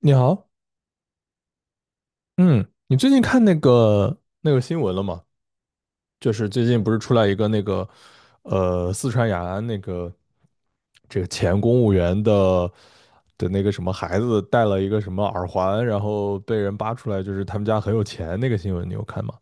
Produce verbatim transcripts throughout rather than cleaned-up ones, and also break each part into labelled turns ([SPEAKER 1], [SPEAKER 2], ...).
[SPEAKER 1] 你好。嗯，你最近看那个那个新闻了吗？就是最近不是出来一个那个，呃，四川雅安那个这个前公务员的的那个什么孩子戴了一个什么耳环，然后被人扒出来，就是他们家很有钱那个新闻，你有看吗？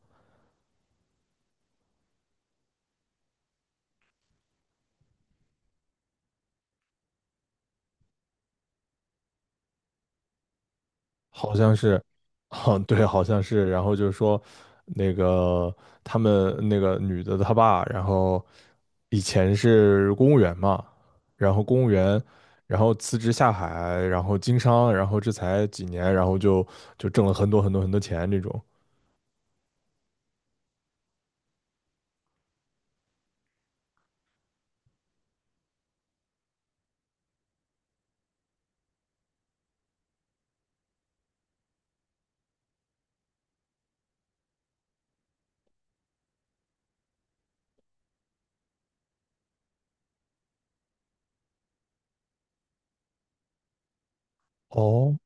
[SPEAKER 1] 好像是。啊，对，好像是。然后就是说，那个他们那个女的她爸，然后以前是公务员嘛，然后公务员，然后辞职下海，然后经商，然后这才几年，然后就就挣了很多很多很多钱这种。哦，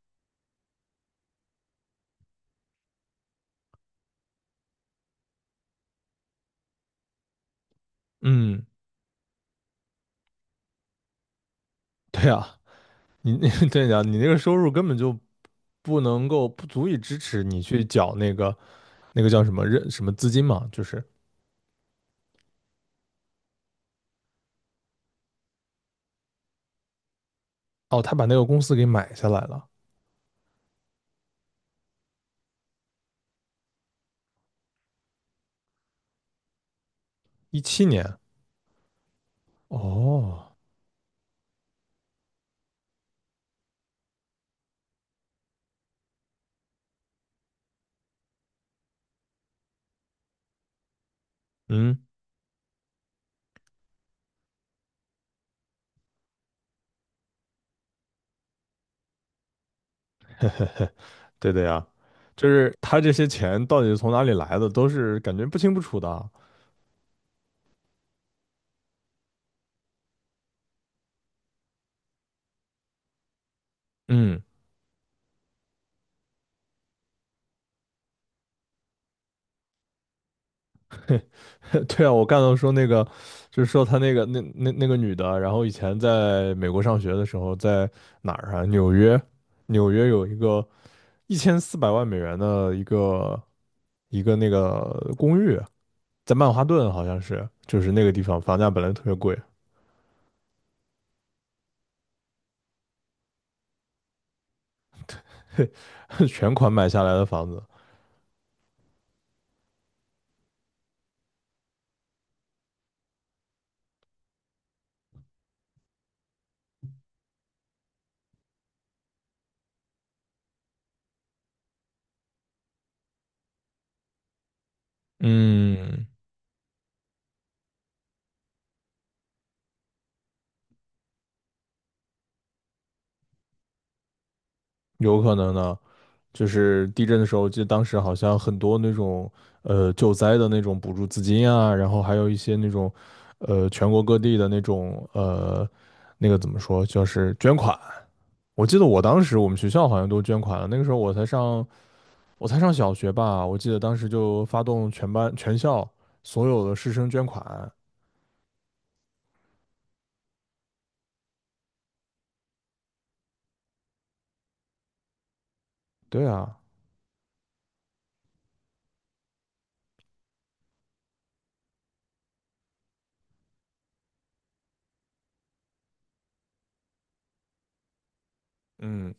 [SPEAKER 1] 嗯，对啊，你你 对呀，你那个收入根本就不能够不足以支持你去缴那个那个叫什么认什么资金嘛，就是哦，他把那个公司给买下来了。一七年，哦，嗯，对的呀，就是他这些钱到底是从哪里来的，都是感觉不清不楚的。嗯，对啊，我刚才说那个，就是说他那个那那那个女的，然后以前在美国上学的时候，在哪儿啊？纽约，纽约有一个一千四百万美元的一个一个那个公寓，在曼哈顿好像是，就是那个地方房价本来特别贵。全款买下来的房子。嗯，有可能呢。就是地震的时候，记得当时好像很多那种呃救灾的那种补助资金啊，然后还有一些那种呃全国各地的那种呃那个怎么说，就是捐款。我记得我当时我们学校好像都捐款了，那个时候我才上我才上小学吧，我记得当时就发动全班全校所有的师生捐款。对啊，嗯，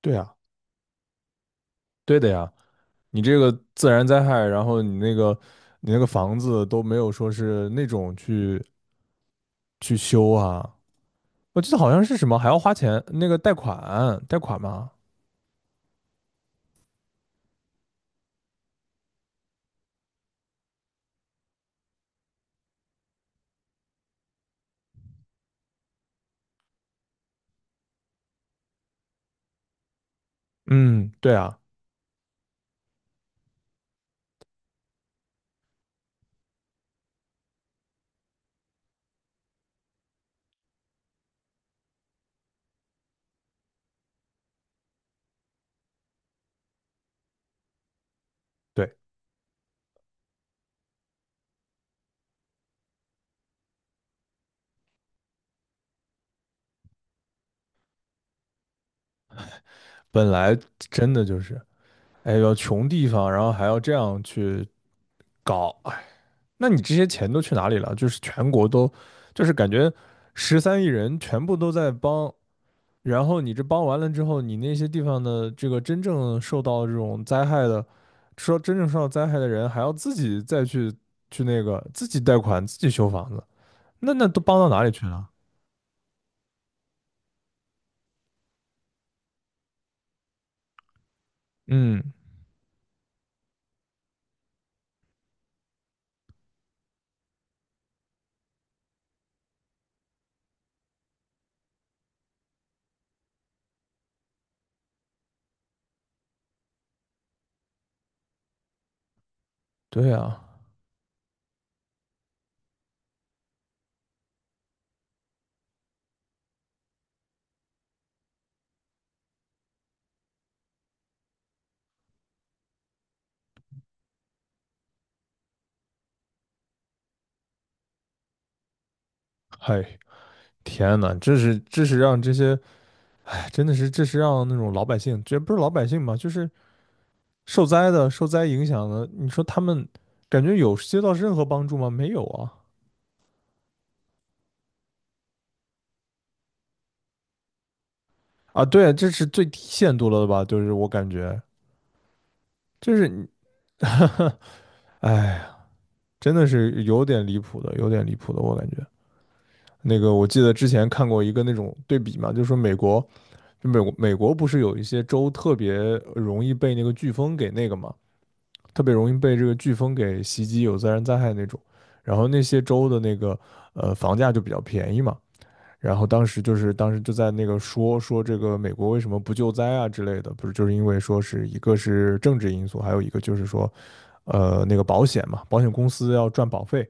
[SPEAKER 1] 对啊，对的呀。你这个自然灾害，然后你那个你那个房子都没有说是那种去去修啊。我记得好像是什么还要花钱，那个贷款，贷款吗？嗯，对啊，对，本来真的就是，哎呦，要穷地方，然后还要这样去搞，哎，那你这些钱都去哪里了？就是全国都，就是感觉十三亿人全部都在帮，然后你这帮完了之后，你那些地方的这个真正受到这种灾害的，说真正受到灾害的人，还要自己再去去那个自己贷款，自己修房子，那那都帮到哪里去了？嗯，对啊，嗨，天呐，这是这是让这些，哎，真的是这是让那种老百姓，这不是老百姓吧，就是受灾的、受灾影响的，你说他们感觉有接到任何帮助吗？没有啊！啊，对，这是最低限度了的吧？就是我感觉，就是你，哎，真的是有点离谱的，有点离谱的，我感觉。那个我记得之前看过一个那种对比嘛，就是说美国，就美国美国不是有一些州特别容易被那个飓风给那个嘛。特别容易被这个飓风给袭击，有自然灾害那种。然后那些州的那个呃房价就比较便宜嘛。然后当时就是当时就在那个说说这个美国为什么不救灾啊之类的，不是就是因为说是一个是政治因素，还有一个就是说，呃那个保险嘛，保险公司要赚保费，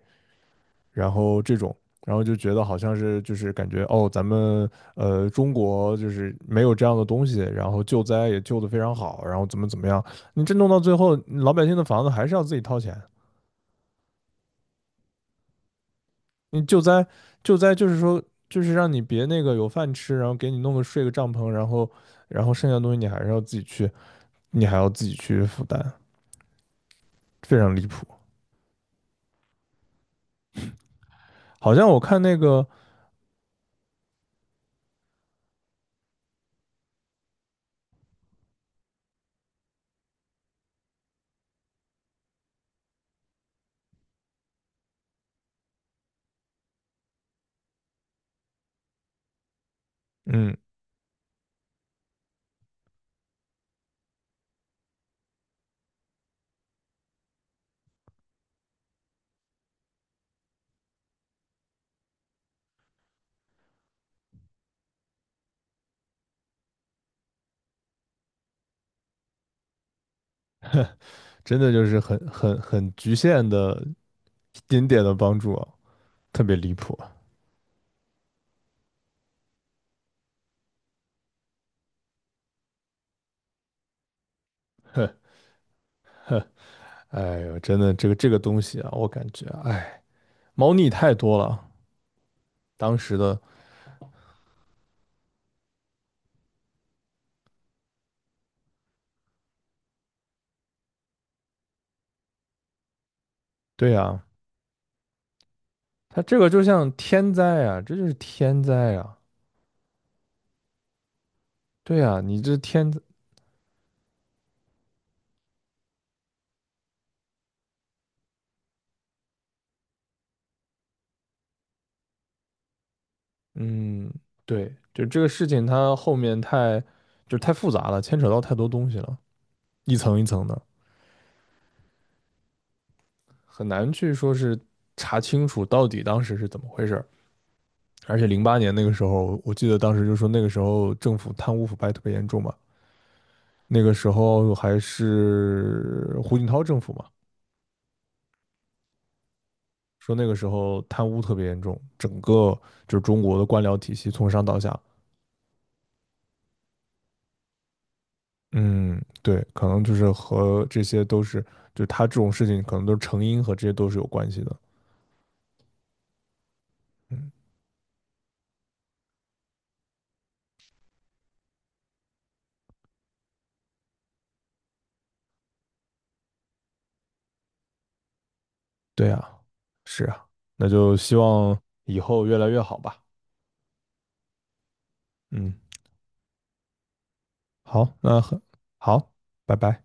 [SPEAKER 1] 然后这种，然后就觉得好像是就是感觉哦，咱们呃中国就是没有这样的东西，然后救灾也救得非常好，然后怎么怎么样，你这弄到最后，老百姓的房子还是要自己掏钱。你救灾救灾就是说就是让你别那个有饭吃，然后给你弄个睡个帐篷，然后然后剩下的东西你还是要自己去，你还要自己去负担，非常离谱。好像我看那个。嗯，真的就是很很很局限的一点点的帮助啊，特别离谱啊。呵呵，哎呦，真的，这个这个东西啊，我感觉，哎，猫腻太多了。当时的，对呀，他这个就像天灾啊，这就是天灾啊。对啊，你这天灾，嗯，对，就这个事情，它后面太，就是太复杂了，牵扯到太多东西了，一层一层的，很难去说是查清楚到底当时是怎么回事儿。而且零八年那个时候，我记得当时就说那个时候政府贪污腐败特别严重嘛，那个时候还是胡锦涛政府嘛，说那个时候贪污特别严重，整个就是中国的官僚体系从上到下，嗯，对，可能就是和这些都是，就是他这种事情可能都是成因和这些都是有关系的。嗯，对啊，是啊，那就希望以后越来越好吧。嗯，好，那很好，拜拜。